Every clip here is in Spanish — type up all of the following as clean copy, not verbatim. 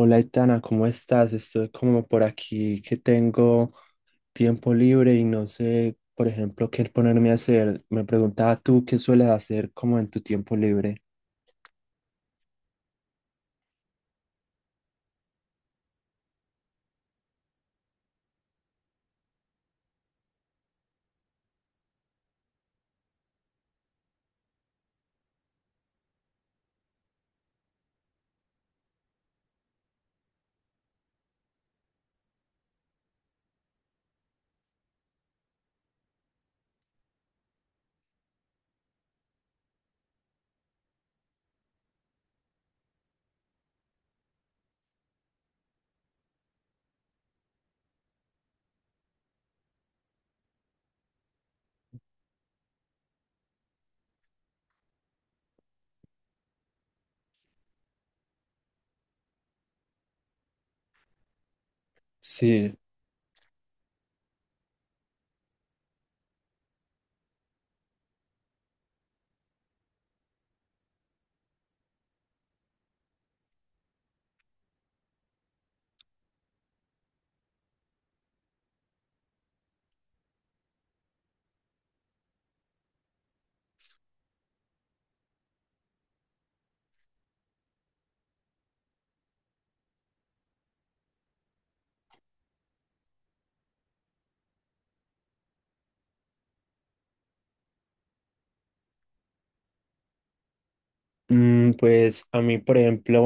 Hola, Itana, ¿cómo estás? Estoy como por aquí que tengo tiempo libre y no sé, por ejemplo, qué ponerme a hacer. Me preguntaba tú qué sueles hacer como en tu tiempo libre. Sí, pues a mí, por ejemplo,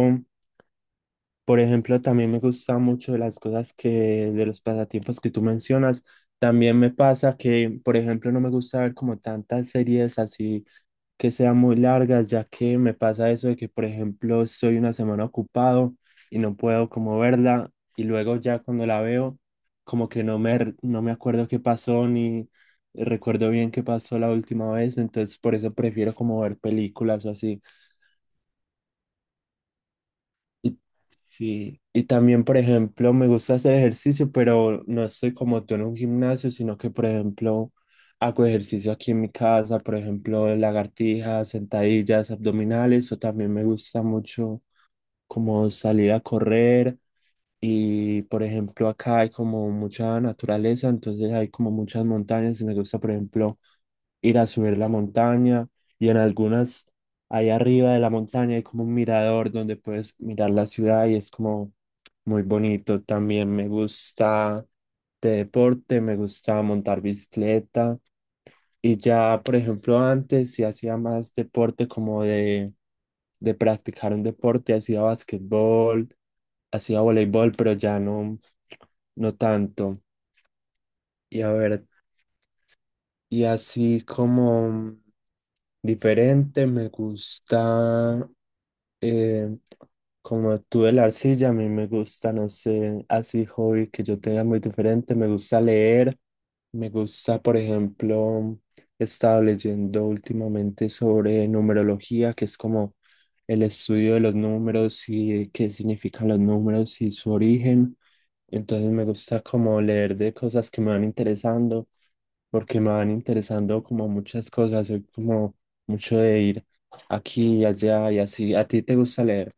por ejemplo, también me gusta mucho de las cosas que, de los pasatiempos que tú mencionas. También me pasa que, por ejemplo, no me gusta ver como tantas series así que sean muy largas, ya que me pasa eso de que, por ejemplo, estoy una semana ocupado y no puedo como verla y luego ya cuando la veo, como que no me, no me acuerdo qué pasó ni recuerdo bien qué pasó la última vez, entonces por eso prefiero como ver películas o así. ¿Y sí, y también, por ejemplo, me gusta hacer ejercicio, pero no estoy como tú en un gimnasio, sino que, por ejemplo, hago ejercicio aquí en mi casa, por ejemplo, lagartijas, sentadillas, abdominales, o también me gusta mucho como salir a correr y por ejemplo, acá hay como mucha naturaleza, entonces hay como muchas montañas y me gusta, por ejemplo, ir a subir la montaña y en algunas, ahí arriba de la montaña hay como un mirador donde puedes mirar la ciudad y es como muy bonito. También me gusta de deporte, me gusta montar bicicleta y ya, por ejemplo, antes sí hacía más deporte como de practicar un deporte, hacía básquetbol, hacía voleibol, pero ya no, no tanto. Y a ver. Y así como diferente, me gusta, eh, como tú de la arcilla, a mí me gusta, no sé, así hobby que yo tenga muy diferente, me gusta leer, me gusta, por ejemplo, he estado leyendo últimamente sobre numerología, que es como el estudio de los números y qué significan los números y su origen. Entonces me gusta como leer de cosas que me van interesando, porque me van interesando como muchas cosas, soy como mucho de ir aquí y allá y así. ¿A ti te gusta leer?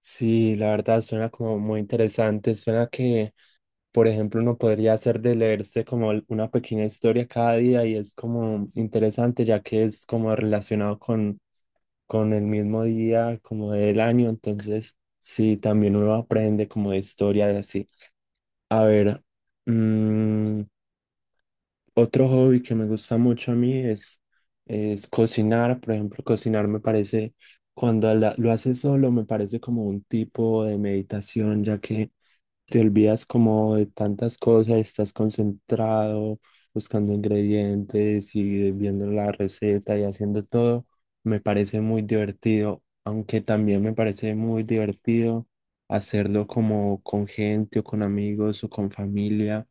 Sí, la verdad suena como muy interesante. Suena que, por ejemplo, uno podría hacer de leerse como una pequeña historia cada día y es como interesante ya que es como relacionado con el mismo día, como del año. Entonces, sí, también uno aprende como de historia y así. A ver, mm, otro hobby que me gusta mucho a mí es cocinar. Por ejemplo, cocinar me parece, cuando lo haces solo, me parece como un tipo de meditación, ya que te olvidas como de tantas cosas, estás concentrado, buscando ingredientes y viendo la receta y haciendo todo. Me parece muy divertido, aunque también me parece muy divertido hacerlo como con gente o con amigos o con familia,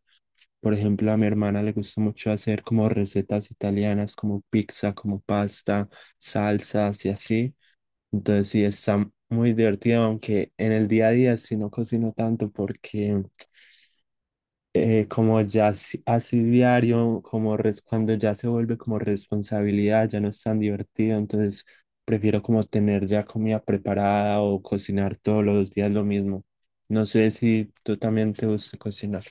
por ejemplo, a mi hermana le gusta mucho hacer como recetas italianas, como pizza, como pasta, salsas y así. Entonces sí, está muy divertido, aunque en el día a día sí no cocino tanto porque como ya así, así diario, cuando ya se vuelve como responsabilidad, ya no es tan divertido. Entonces prefiero como tener ya comida preparada o cocinar todos los días lo mismo. No sé si tú también te gusta cocinar.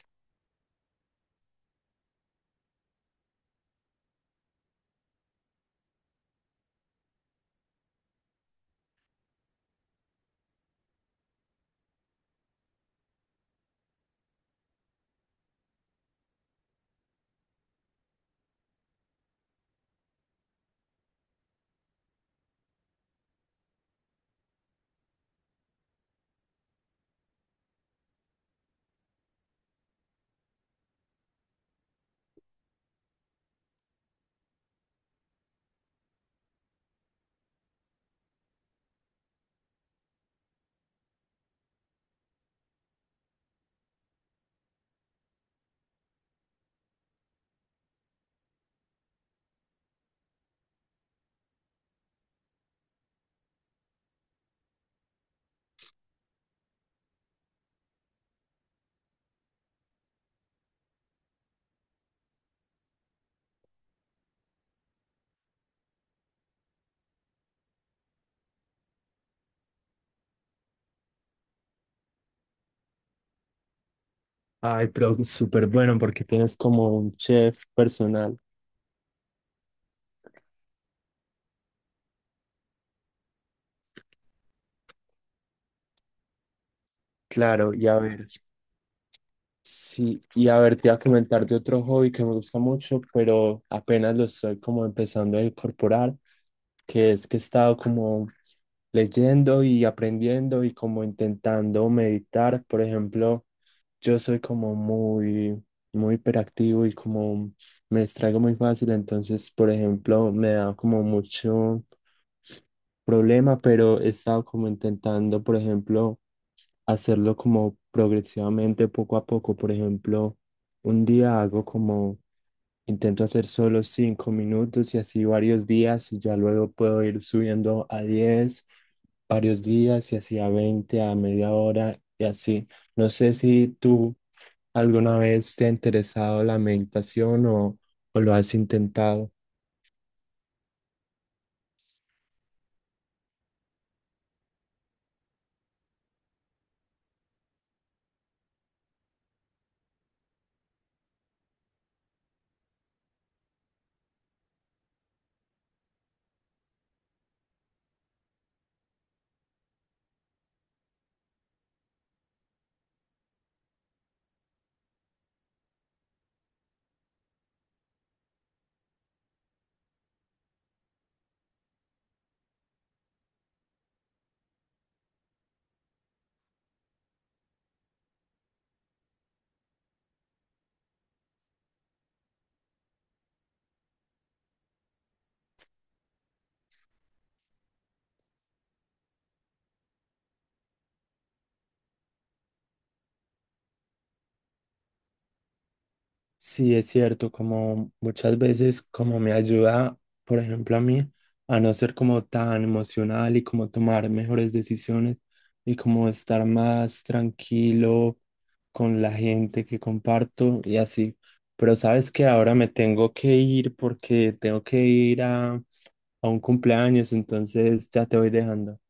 Ay, pero súper bueno porque tienes como un chef personal. Claro, y a ver, sí, y a ver, te voy a comentar de otro hobby que me gusta mucho, pero apenas lo estoy como empezando a incorporar, que es que he estado como leyendo y aprendiendo y como intentando meditar. Por ejemplo, yo soy como muy hiperactivo y como me distraigo muy fácil, entonces, por ejemplo, me da como mucho problema, pero he estado como intentando, por ejemplo, hacerlo como progresivamente, poco a poco. Por ejemplo, un día hago como, intento hacer solo 5 minutos y así varios días y ya luego puedo ir subiendo a 10 varios días y así a 20, a media hora y así. No sé si tú alguna vez te ha interesado la meditación o lo has intentado. Sí, es cierto, como muchas veces como me ayuda, por ejemplo, a mí a no ser como tan emocional y como tomar mejores decisiones y como estar más tranquilo con la gente que comparto y así. Pero sabes que ahora me tengo que ir porque tengo que ir a un cumpleaños, entonces ya te voy dejando.